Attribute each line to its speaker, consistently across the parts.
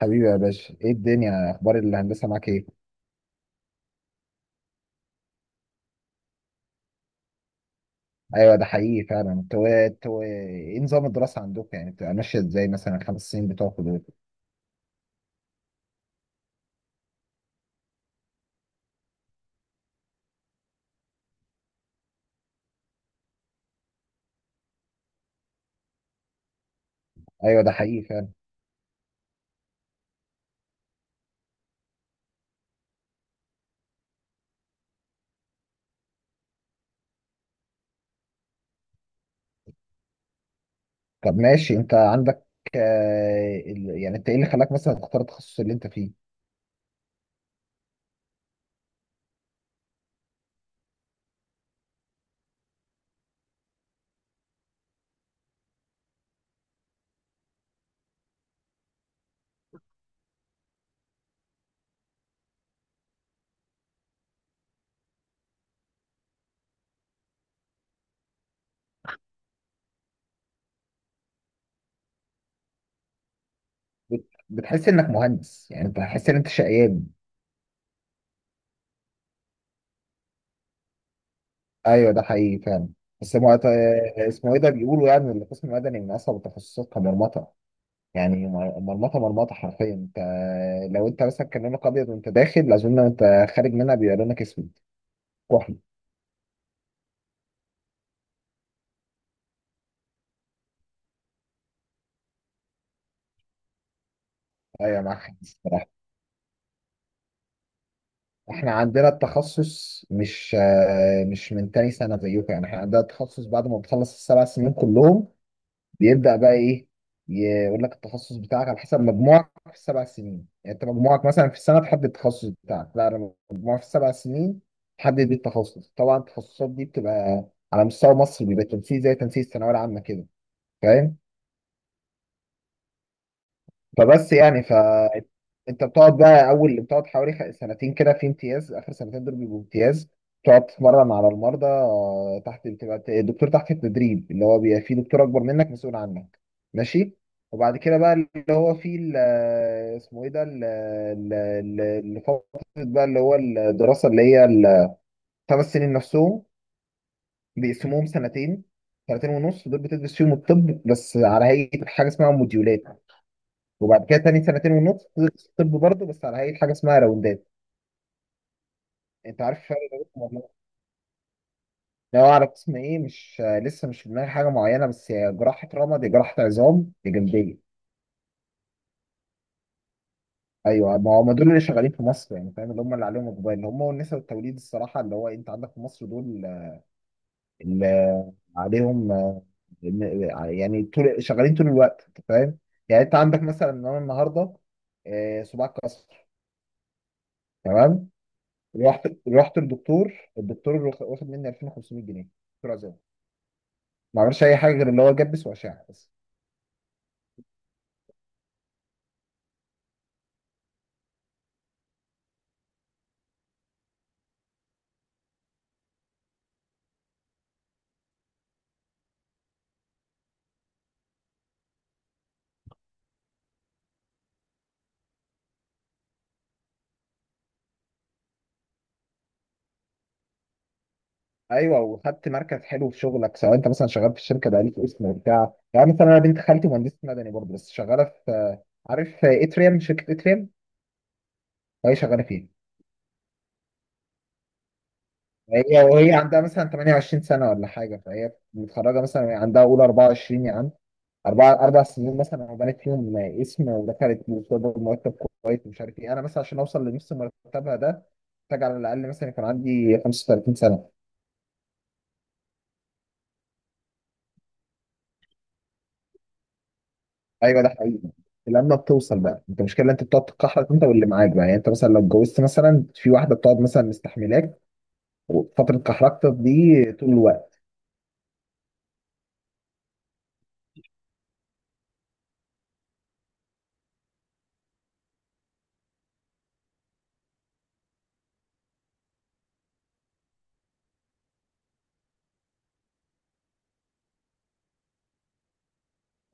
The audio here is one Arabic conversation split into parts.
Speaker 1: حبيبي يا باشا، ايه الدنيا؟ اخبار الهندسه معاك ايه؟ ايوه، ده حقيقي فعلا. انتوا ايه نظام الدراسه عندكم؟ يعني بتبقى ماشيه ازاي؟ مثلا الخمس سنين بتوعكم دول؟ ايوه، ده حقيقي فعلا. طب، ماشي. انت عندك يعني انت ايه اللي خلاك مثلا تختار التخصص اللي انت فيه؟ بتحس انك مهندس؟ يعني انت بتحس ان انت شقيان؟ ايوه، ده حقيقي فعلا. بس مو- آه، اسمه ايه ده، بيقولوا يعني إن القسم المدني من اصعب التخصصات، كمرمطه. يعني مرمطه مرمطه حرفيا. انت لو انت مثلا كان لونك ابيض وانت داخل، اظن انت خارج منها بيبقى لونك اسود. كحل. ايوه، معاك حق الصراحه. احنا عندنا التخصص مش من تاني سنه زيكم. يعني احنا عندنا التخصص بعد ما بتخلص السبع سنين كلهم، بيبدا بقى ايه؟ يقول لك التخصص بتاعك على حسب مجموعك في السبع سنين. يعني انت مجموعك مثلا في السنه تحدد التخصص بتاعك؟ لا، انا مجموعي في السبع سنين تحدد بيه التخصص. طبعا التخصصات دي بتبقى على مستوى مصر، بيبقى تنسيق زي تنسيق الثانويه العامه كده. فاهم؟ فبس يعني ف انت بتقعد بقى اول، بتقعد حوالي سنتين كده في امتياز. اخر سنتين دول بيبقوا امتياز، تقعد تتمرن على المرضى. تحت بتبقى الدكتور تحت التدريب، اللي هو بيبقى فيه دكتور اكبر منك مسؤول عنك. ماشي. وبعد كده بقى اللي هو فيه اسمه ايه ده، اللي فترة بقى، اللي هو الدراسة اللي هي الخمس سنين نفسهم، بيقسموهم سنتين سنتين ونص دول بتدرس فيهم الطب بس على هيئة حاجة اسمها موديولات، وبعد كده تاني سنتين ونص تدرس طب برضه بس على هيئة حاجة اسمها راوندات. انت عارف فرق ما بينهم ولا لا؟ لو على قسم ايه مش آه، لسه مش في دماغي حاجة معينة، بس هي جراحة رمى دي، جراحة عظام دي، جلدية. ايوه، ما هم دول اللي شغالين في مصر. يعني فاهم اللي هم، اللي عليهم اقبال، اللي هم والنساء والتوليد، الصراحة اللي هو انت عندك في مصر دول اللي عليهم يعني طول شغالين طول الوقت، انت فاهم. يعني انت عندك مثلا ان انا النهارده صباع كسر، تمام؟ رحت الدكتور واخد مني 2500 جنيه، دكتور عزام. ما عملش اي حاجه غير ان هو جبس واشعه بس. ايوه، وخدت مركز حلو في شغلك، سواء انت مثلا شغال في الشركه بقى ليك اسم وبتاع. يعني مثلا انا بنت خالتي مهندسه مدني برضه، بس شغاله في آه، عارف آه، اتريم، شركه اتريم. فهي شغاله فيها. هي وهي عندها مثلا 28 سنه ولا حاجه. فهي متخرجه مثلا عندها اولى 24 يا عم. أربع أربع سنين مثلا، أنا بنيت فيهم اسم ودخلت بطلب مرتب كويس ومش عارف إيه. أنا مثلا عشان أوصل لنص مرتبها ده محتاج على الأقل مثلا يكون عندي 35 سنة. أيوه، ده حقيقي. لما بتوصل بقى أنت، المشكلة أنت بتقعد تتكحرك، أنت واللي معاك بقى. يعني أنت مثلا لو اتجوزت مثلا في واحدة، بتقعد مثلا مستحملاك وفترة كحركتك دي طول الوقت.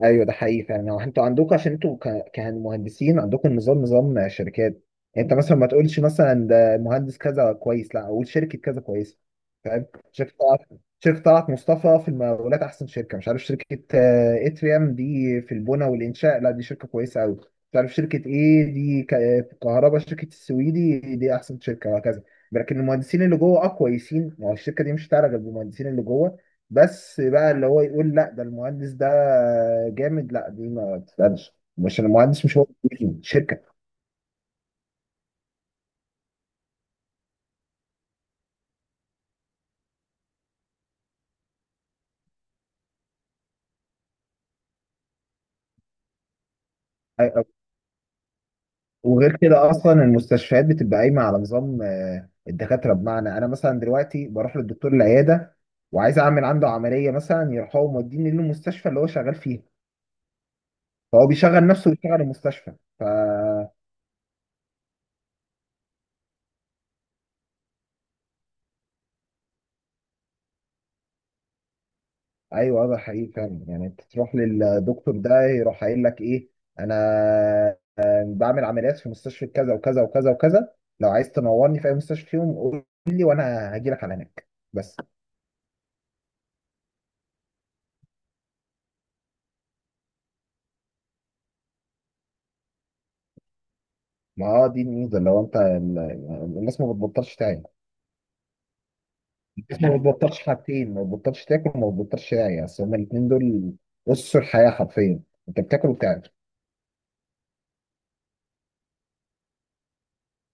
Speaker 1: ايوه، ده حقيقي فعلا. هو انتوا عندكم عشان انتوا كمهندسين عندكم نظام شركات. يعني انت مثلا ما تقولش مثلا ده مهندس كذا كويس، لا، اقول شركه كذا كويسه. فاهم؟ شركه طلعت شركه طلعت مصطفى في المقاولات احسن شركه. مش عارف، شركه اتريام دي في البنى والانشاء، لا دي شركه كويسه قوي. مش عارف شركه ايه دي في الكهرباء، شركه السويدي دي احسن شركه، وهكذا. لكن المهندسين اللي جوه كويسين، ما هو الشركه دي مش هتعرف غير بالمهندسين اللي جوه. بس بقى اللي هو يقول لا ده المهندس ده جامد، لا دي ما تسألش، مش المهندس، مش هو، شركة. وغير كده اصلا المستشفيات بتبقى قايمة على نظام الدكاترة. بمعنى انا مثلا دلوقتي بروح للدكتور العيادة وعايز اعمل عنده عملية مثلا، يروح هو موديني للمستشفى اللي هو شغال فيها. فهو بيشغل نفسه ويشغل المستشفى. فا ايوه، ده حقيقي فعلا. يعني انت تروح للدكتور ده يروح قايل لك ايه؟ انا بعمل عمليات في مستشفى كذا وكذا وكذا وكذا، لو عايز تنورني في اي مستشفى فيهم قول لي، وانا هاجي لك على هناك بس. ما هو دي الميزه لو انت الناس ما بتبطلش تعيا. الناس ما بتبطلش حاجتين: ما بتبطلش تاكل وما بتبطلش تعيا. اصل هما الاثنين دول اسس الحياه حرفيا، انت بتاكل وبتعيا.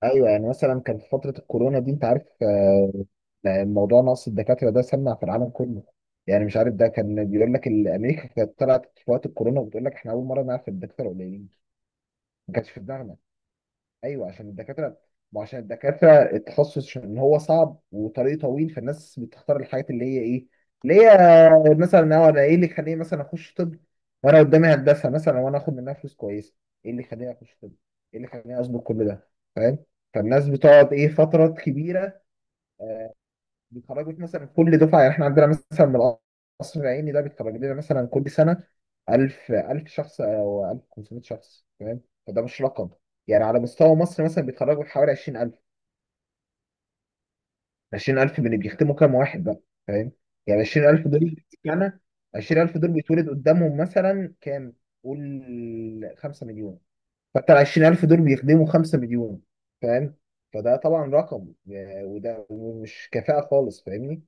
Speaker 1: ايوه، يعني مثلا كان في فتره الكورونا دي انت عارف الموضوع نقص الدكاتره ده سمع في العالم كله. يعني مش عارف، ده كان بيقول لك امريكا كانت طلعت في وقت الكورونا وبتقول لك احنا اول مره نعرف الدكاتره قليلين، ما كانش في دماغنا. ايوه عشان الدكاتره، ما عشان الدكاتره التخصص عشان هو صعب وطريق طويل. فالناس بتختار الحاجات اللي هي ايه، اللي هي مثلا هو انا ايه اللي يخليني مثلا اخش طب وانا قدامي هندسه مثلا وانا اخد منها فلوس كويسه؟ ايه اللي يخليني اخش طب؟ ايه اللي يخليني اظبط كل ده؟ فاهم؟ فالناس بتقعد ايه، فترات كبيره. بيخرجك مثلا كل دفعه، يعني احنا عندنا مثلا من القصر العيني ده بيتخرج لنا مثلا كل سنه 1000 1000 شخص او 1500 شخص. فاهم؟ فده مش رقم. يعني على مستوى مصر مثلا بيتخرجوا حوالي 20000، 20000 من اللي بيختموا كام واحد بقى؟ فاهم؟ يعني 20000 دول سنه، 20000 دول بيتولد قدامهم مثلا كام؟ قول، 5 مليون. فانت ال 20000 دول بيخدموا 5 مليون. فاهم؟ فده طبعا رقم يعني، وده مش كفاءة خالص، فاهمني؟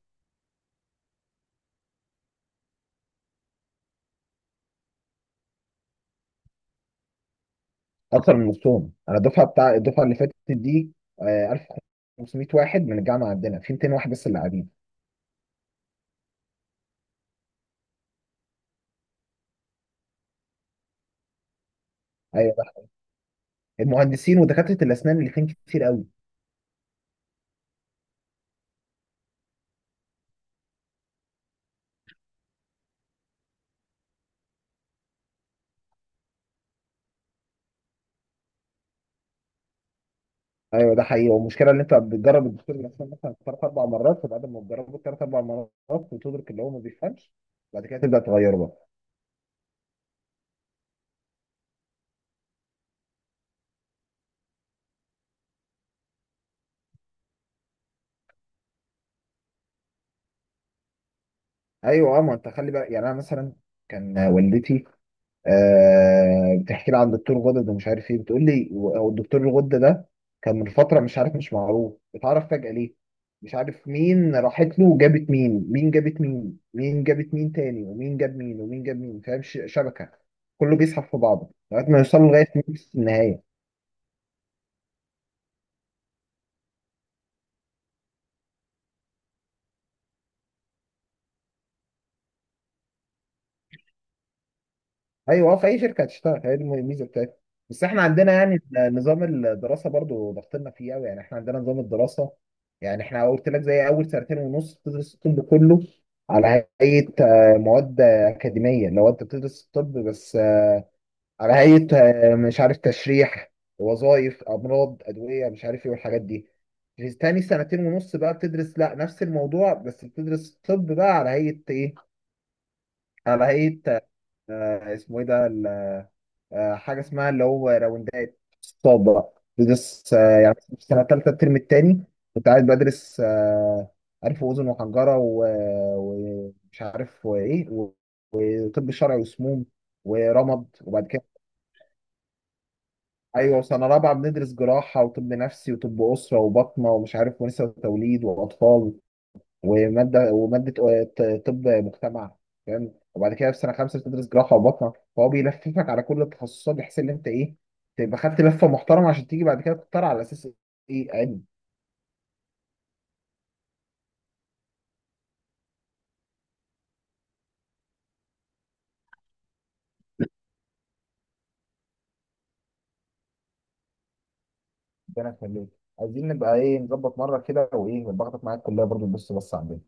Speaker 1: اكتر من نصهم. انا الدفعه اللي فاتت دي 1500 واحد من الجامعه عندنا، في 200 واحد بس اللي قاعدين. ايوه ده المهندسين ودكاتره الاسنان اللي فين كتير قوي. ايوه، ده حقيقي. والمشكله ان انت بتجرب الدكتور الاسنان مثلا ثلاث اربع مرات، فبعد ما تجربه ثلاث اربع مرات وتدرك اللي هو ما بيفهمش، بعد كده تبدا تغيره بقى. ايوه، اه. ما انت خلي بقى. يعني انا مثلا كان والدتي بتحكي لي عن دكتور غدد ومش عارف ايه، بتقول لي هو الدكتور الغدة ده كان من فترة مش عارف، مش معروف، اتعرف فجأة ليه؟ مش عارف مين راحت له وجابت مين، مين جابت مين، مين جابت مين تاني، ومين جاب مين، ومين جاب مين. فاهم؟ شبكة. كله بيسحب في بعضه لغاية ما يوصلوا لغاية نفس النهاية. ايوه، هو في اي شركه هتشتغل، هي دي الميزه بتاعتها. بس احنا عندنا يعني نظام الدراسه برضو ضغطنا فيه قوي. يعني احنا عندنا نظام الدراسه، يعني احنا قلت لك زي اول سنتين ونص بتدرس الطب كله على هيئه مواد اكاديميه. لو انت بتدرس الطب بس على هيئه مش عارف، تشريح، وظائف، امراض، ادويه، مش عارف ايه، والحاجات دي. في تاني سنتين ونص بقى بتدرس لا نفس الموضوع، بس بتدرس الطب بقى على هيئه ايه؟ على هيئه آه، اسمه ايه ده آه، حاجه اسمها اللي هو راوندات، اقتصاد بقى. بدرس يعني في سنه ثالثه الترم الثاني، كنت قاعد بدرس عارف واذن وحنجره ومش عارف وايه، وطب شرعي وسموم ورمد وبعد كده. ايوه، وسنه رابعه بندرس جراحه وطب نفسي وطب اسره وبطنه ومش عارف ونساء وتوليد واطفال وماده وماده طب مجتمع. فاهم؟ وبعد كده في سنه خمسه بتدرس جراحه وبطنه، فهو بيلففك على كل التخصصات بحيث ان انت ايه، تبقى خدت لفه محترمه، عشان تيجي بعد كده تختار على اساس ايه علم. ربنا يخليك. عايزين نبقى ايه، نظبط مره كده وايه ونبقى معاك. الكليه برضه، بص عندنا.